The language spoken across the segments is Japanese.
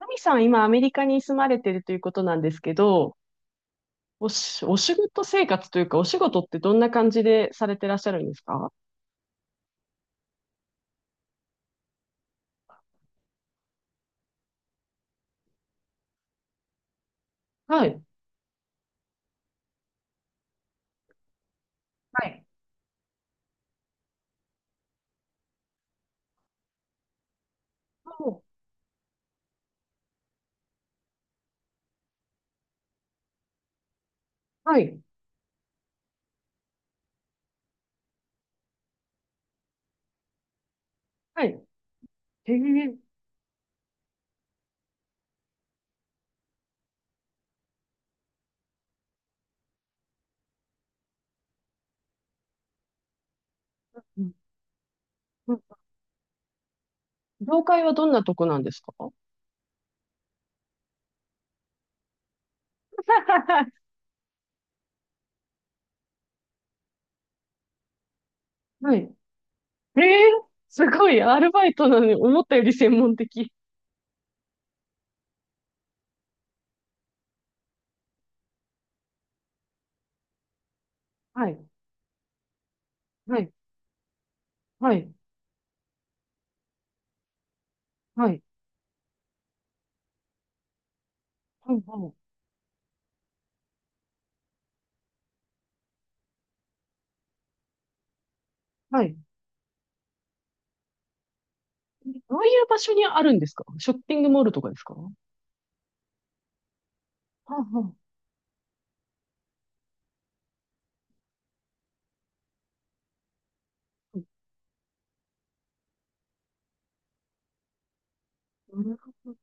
ナミさん、今、アメリカに住まれてるということなんですけど、お仕事生活というか、お仕事ってどんな感じでされてらっしゃるんですか？はい。はい。お。はい。はい。へえ。うんうん。業界はどんなとこなんですか？ はい。ええ、すごい、アルバイトなのに、思ったより専門的。はい。はい。はい。はい。はい。はい。どういう場所にあるんですか？ショッピングモールとかですか？は、あはあ。なるほど。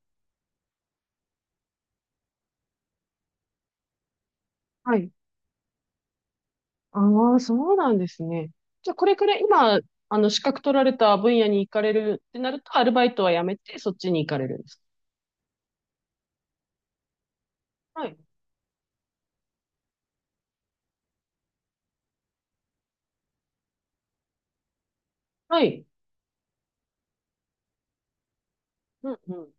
はい。ああ、そうなんですね。じゃあ、これくらい今、資格取られた分野に行かれるってなると、アルバイトはやめて、そっちに行かれるんですか？はい。はい。うんうん。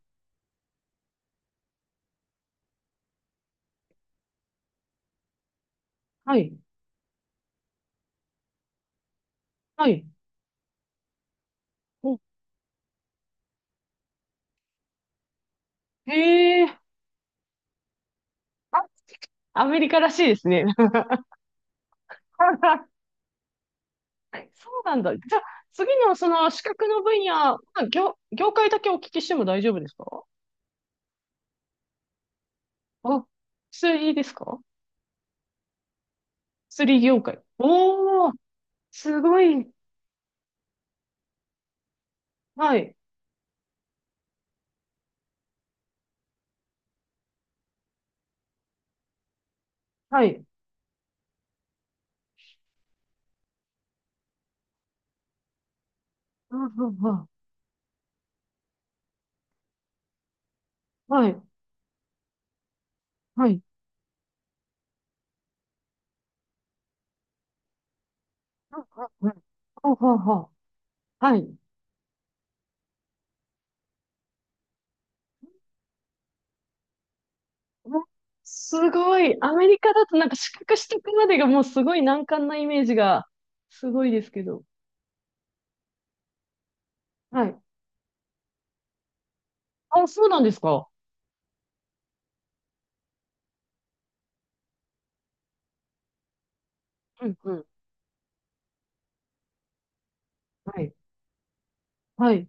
はい。はい。お。へえ。あ、アメリカらしいですね。はい、そうなんだ。じゃあ、次のその資格の分野、まあ業界だけお聞きしても大丈夫ですか？あ、薬ですか？薬業界。おー、すごい。はい。はい。うんうんうん。はい。はい。うんうんうん。ほうほうほう。はい。うん。すごい。アメリカだとなんか資格取得までがもうすごい難関なイメージが、すごいですけど。はい。あ、そうなんですか。うんうん。はい。はい。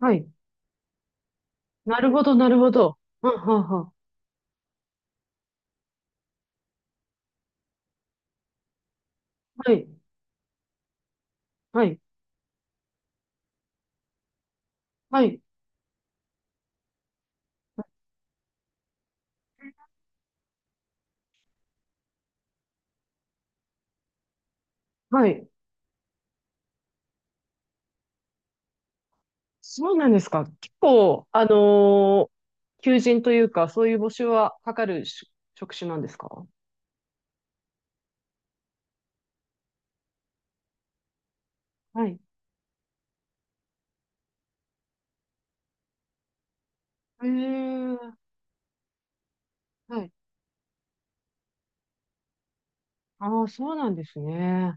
はい。なるほど、なるほど。はんはんはん。はい。はい。はい。はい。そうなんですか？結構、求人というか、そういう募集はかかるし職種なんですか？はい。へえ。はい。ああ、そうなんですね。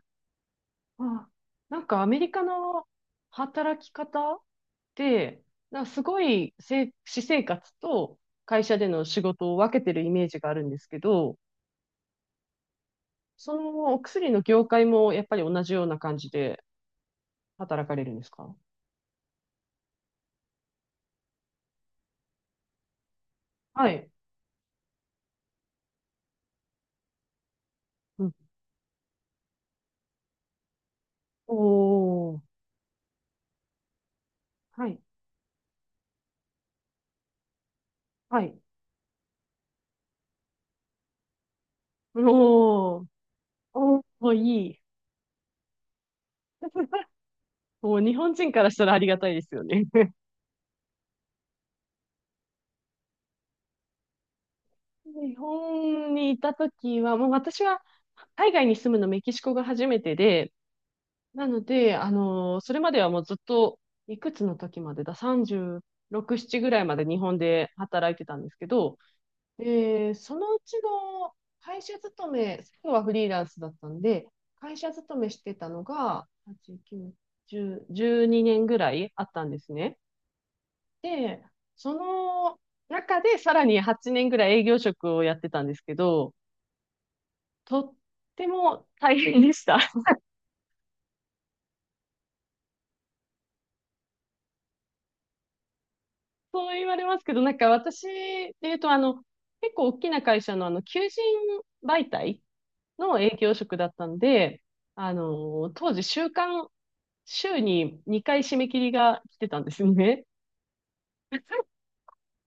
あ、なんかアメリカの働き方って、なんかすごい私生活と会社での仕事を分けてるイメージがあるんですけど、そのお薬の業界もやっぱり同じような感じで働かれるんですか？はい。うん。おー。はい。はい。おー。おー、いい。もう日本人からしたらありがたいですよね。日本にいたときは、もう私は海外に住むのメキシコが初めてで、なので、それまではもうずっと、いくつの時までだ、36、7ぐらいまで日本で働いてたんですけど、で、そのうちの会社勤め、最後はフリーランスだったんで、会社勤めしてたのが、8、9、10、12年ぐらいあったんですね。で、その中でさらに8年ぐらい営業職をやってたんですけど、とっても大変でした。そう言われますけど、なんか私で言うと、結構大きな会社の求人媒体の営業職だったんで、当時、週に2回締め切りが来てたんですね。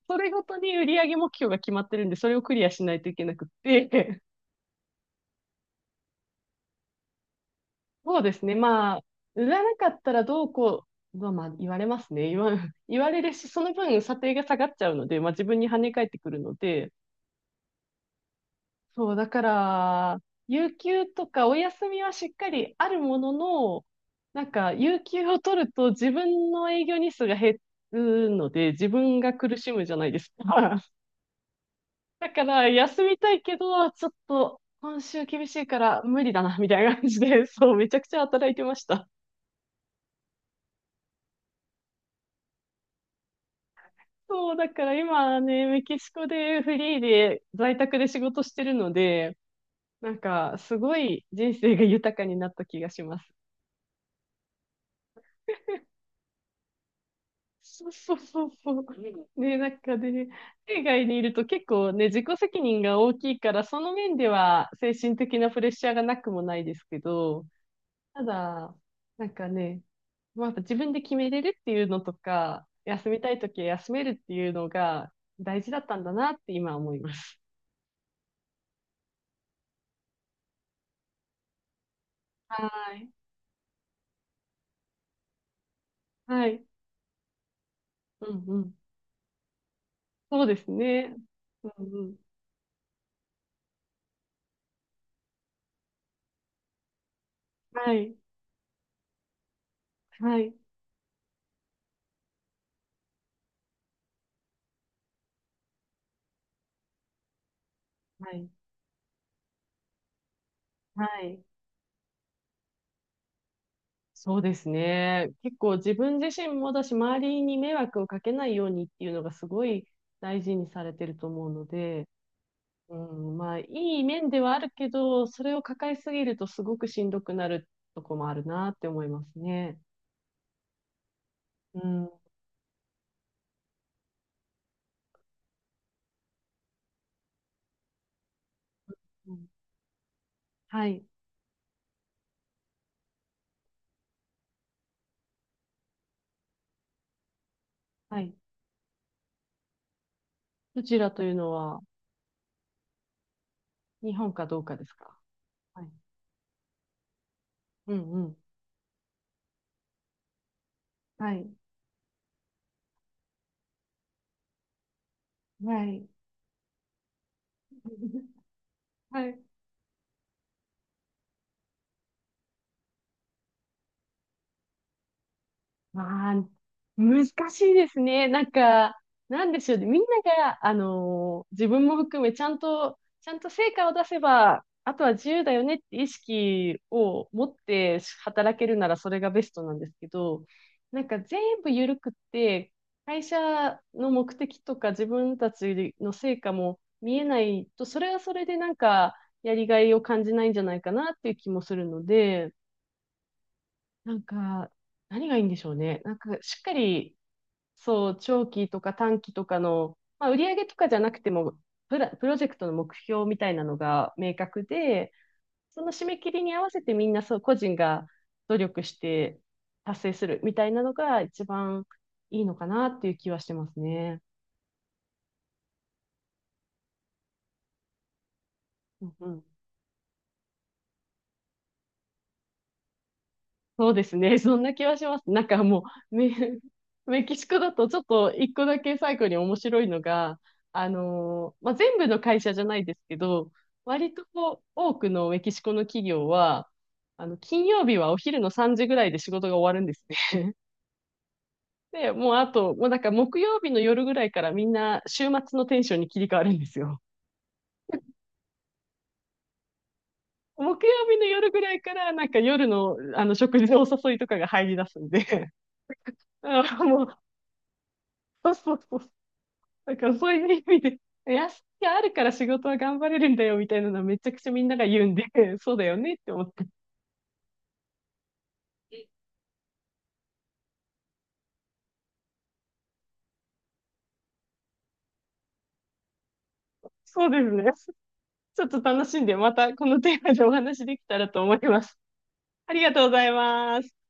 それごとに売上目標が決まってるんで、それをクリアしないといけなくって、そうですね、まあ、売らなかったらどうこう、まあ、まあ言われますね。言われるし、その分査定が下がっちゃうので、まあ自分に跳ね返ってくるので、そう、だから、有給とかお休みはしっかりあるものの、なんか、有給を取ると自分の営業日数が減るので、自分が苦しむじゃないですか。だから、休みたいけど、ちょっと、今週厳しいから無理だな、みたいな感じで、そう、めちゃくちゃ働いてました。そう、だから今ね、メキシコでフリーで在宅で仕事してるので、なんか、すごい人生が豊かになった気がします。そうそうそうそう。ね、なんかね、海外にいると結構ね、自己責任が大きいから、その面では精神的なプレッシャーがなくもないですけど、ただ、なんかね、まあ、自分で決めれるっていうのとか、休みたいときは休めるっていうのが大事だったんだなって今思います。はい。はい。うんうん。そうですね。うんうん。はい。はい。はい。はい。そうですね。結構自分自身もだし、周りに迷惑をかけないようにっていうのがすごい大事にされてると思うので、うん、まあ、いい面ではあるけど、それを抱えすぎるとすごくしんどくなるとこもあるなって思いますね。うん。うん。はい。はい。どちらというのは、日本かどうかですか？はい。うんうん。はい。はい。はい。まあ、難しいですね。なんか、なんでしょうね。みんなが、自分も含め、ちゃんと、ちゃんと成果を出せば、あとは自由だよねって意識を持って働けるならそれがベストなんですけど、なんか全部緩くって、会社の目的とか自分たちの成果も見えないと、それはそれでなんか、やりがいを感じないんじゃないかなっていう気もするので、なんか、何がいいんでしょうね。なんか、しっかり、そう、長期とか短期とかの、まあ、売上とかじゃなくても、プロジェクトの目標みたいなのが明確で、その締め切りに合わせてみんな、そう、個人が努力して達成するみたいなのが一番いいのかなっていう気はしてますね。うんうん。そうですね。そんな気はします。なんかもう、メキシコだとちょっと一個だけ最後に面白いのが、まあ、全部の会社じゃないですけど、割とこう多くのメキシコの企業は、金曜日はお昼の3時ぐらいで仕事が終わるんですね。で、もうあと、もうなんか木曜日の夜ぐらいからみんな週末のテンションに切り替わるんですよ。木曜日の夜ぐらいからなんか夜の食事のお誘いとかが入り出すんで、あのもう、そうそうそう、だからそういう意味で、休みがあるから仕事は頑張れるんだよみたいなのはめちゃくちゃみんなが言うんで、そうだよねって思って。そうですね。ちょっと楽しんで、またこのテーマでお話できたらと思います。ありがとうございます。